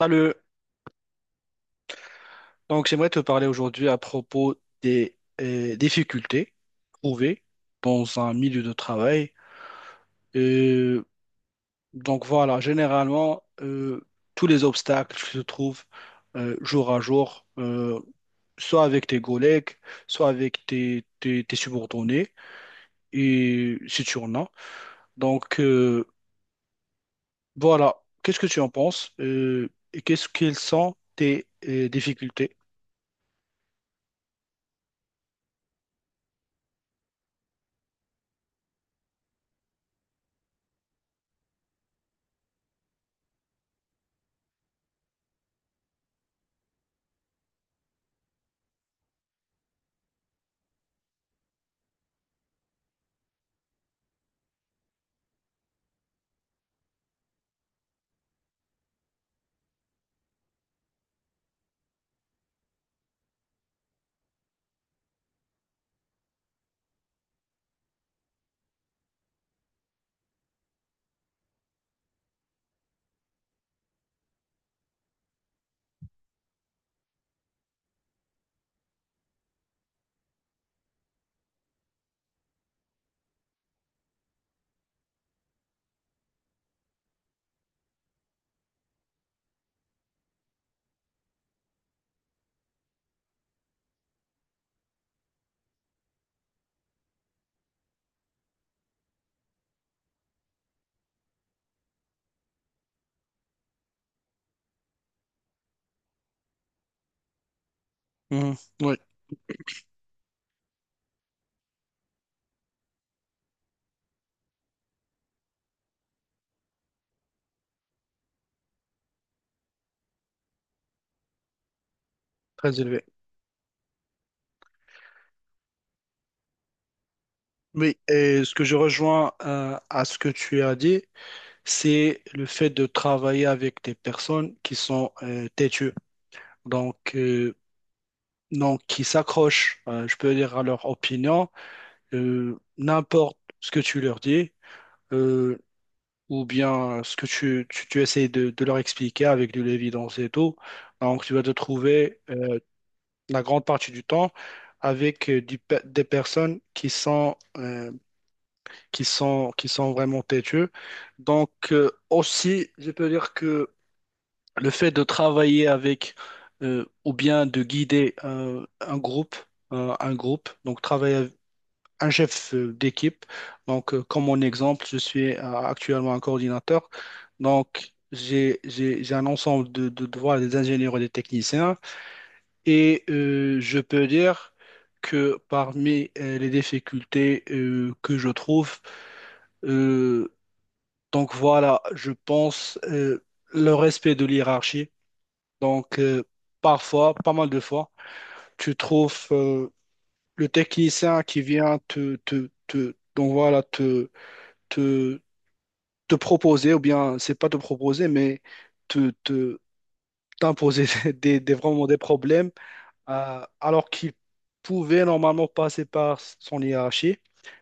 Salut. Donc, j'aimerais te parler aujourd'hui à propos des difficultés trouvées dans un milieu de travail. Euh, voilà, généralement, tous les obstacles se trouvent jour à jour, soit avec tes collègues, soit avec tes subordonnés, et si tu en as. Donc, euh, voilà, qu'est-ce que tu en penses et qu'est-ce qu'elles sont tes difficultés? Mhm. Oui, très élevé. Oui, et ce que je rejoins à ce que tu as dit, c'est le fait de travailler avec des personnes qui sont têtues, donc, euh, donc qui s'accrochent, je peux dire, à leur opinion, n'importe ce que tu leur dis. Euh, ou bien ce que tu essayes de leur expliquer avec de l'évidence et tout. Donc, tu vas te trouver la grande partie du temps avec des personnes qui sont, qui sont vraiment têtues. Aussi, je peux dire que le fait de travailler avec ou bien de guider un groupe, donc travailler un chef d'équipe. Comme mon exemple, je suis actuellement un coordinateur. Donc, j'ai un ensemble de devoirs des ingénieurs et des techniciens. Et je peux dire que parmi les difficultés que je trouve, euh, voilà, je pense le respect de l'hiérarchie. Donc, euh, parfois, pas mal de fois, tu trouves le technicien qui vient donc voilà, te proposer, ou bien c'est pas te proposer, mais te, te- t'imposer vraiment des problèmes, alors qu'il pouvait normalement passer par son hiérarchie,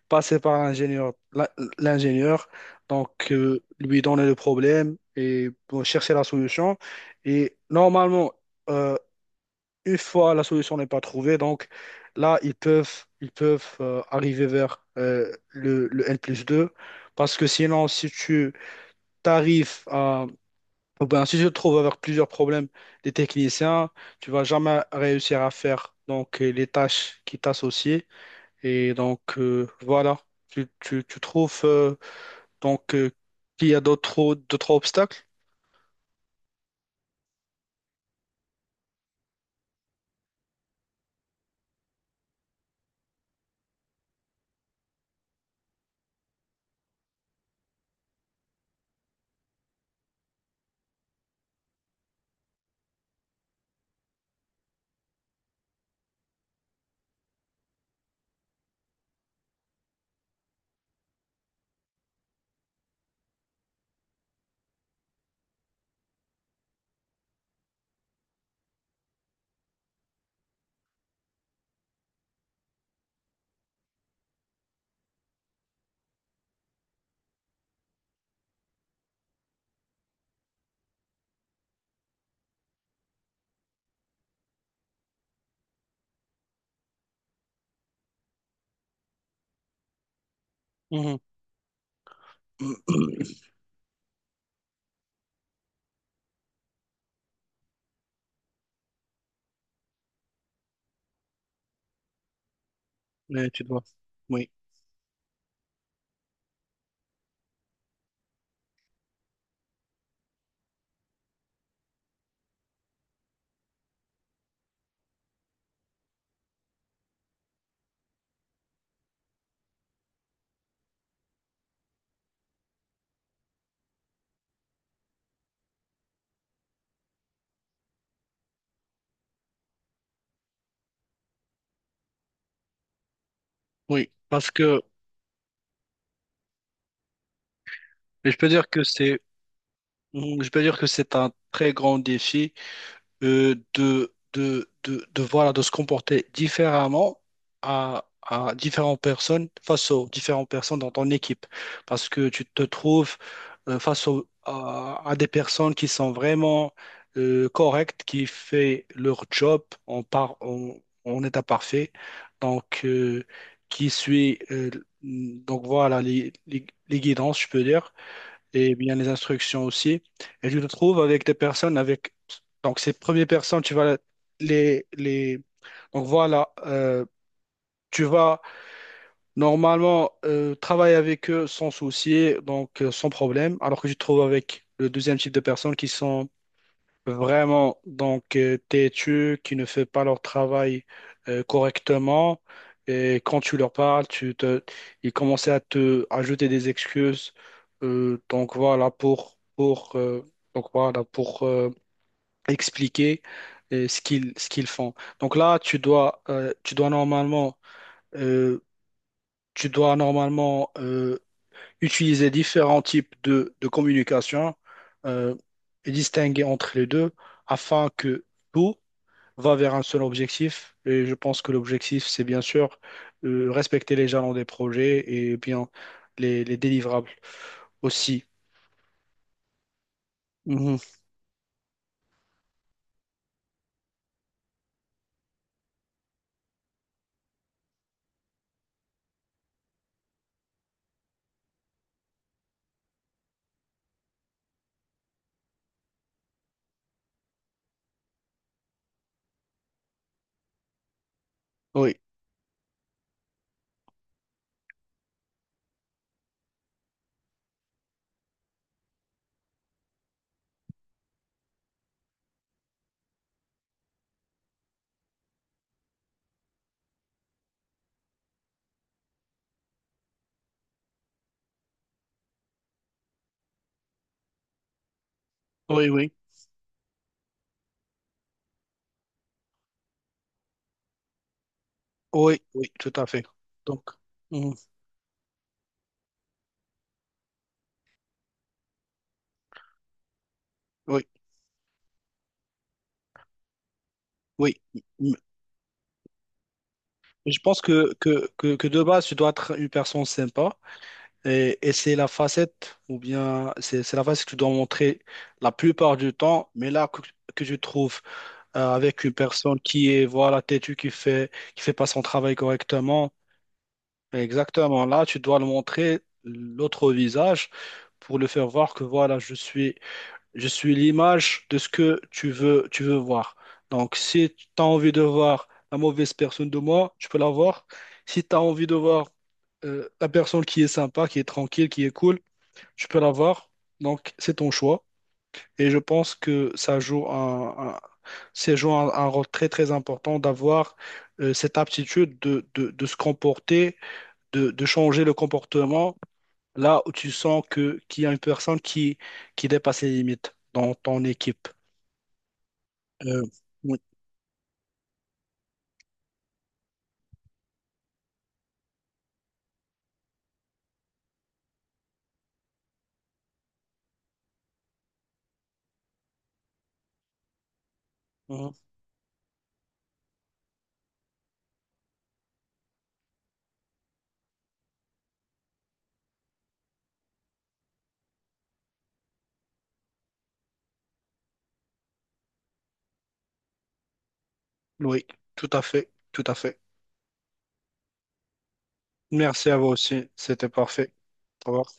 passer par l'ingénieur, lui donner le problème et bon, chercher la solution. Et normalement, euh, une fois la solution n'est pas trouvée, donc là, ils peuvent arriver vers le N plus 2 parce que sinon, si tu t'arrives à... oh ben, si tu te trouves avec plusieurs problèmes des techniciens, tu vas jamais réussir à faire donc les tâches qui t'associent. Et voilà, tu trouves donc euh, qu'il y a d'autres obstacles. Mhm. Mais tu dois. Oui, oui, parce que je peux dire que c'est, je peux dire que c'est un très grand défi de, de, voilà, de se comporter différemment à différentes personnes, face aux différentes personnes dans ton équipe. Parce que tu te trouves à des personnes qui sont vraiment correctes, qui font leur job en, en état parfait. Donc, euh, qui suit, voilà, les guidances, je peux dire et bien les instructions aussi. Et tu te trouves avec des personnes avec... Donc, ces premières personnes, tu vas les... Donc, voilà, tu vas normalement travailler avec eux sans souci, sans problème, alors que tu te trouves avec le deuxième type de personnes qui sont vraiment, têtu, qui ne fait pas leur travail correctement. Et quand tu leur parles, ils commençaient à te ajouter des excuses. Pour donc voilà pour euh, expliquer ce qu'ils font. Donc là, tu dois normalement euh, tu dois normalement euh, utiliser différents types de communication euh, et distinguer entre les deux afin que tout va vers un seul objectif. Et je pense que l'objectif, c'est bien sûr respecter les jalons des projets et bien les délivrables aussi. Mhm. Oui, oui, oui, oui, oui, tout à fait. Donc, mhm. Oui, oui. Je pense que de base, tu dois être une personne sympa. Et c'est la facette, ou bien c'est la facette que tu dois montrer la plupart du temps, mais là que je trouve avec une personne qui est, voilà, têtue, qui fait pas son travail correctement, exactement, là tu dois le montrer l'autre visage pour le faire voir que voilà, je suis l'image de ce que tu veux voir. Donc si tu as envie de voir la mauvaise personne de moi, tu peux la voir. Si tu as envie de voir la personne qui est sympa, qui est tranquille, qui est cool, tu peux l'avoir, donc c'est ton choix. Et je pense que ça joue un rôle très très important d'avoir cette aptitude de se comporter, de changer le comportement là où tu sens que qu'il y a une personne qui dépasse les limites dans ton équipe. Euh, oui, mhm. Oui, tout à fait, tout à fait. Merci à vous aussi, c'était parfait. Au revoir.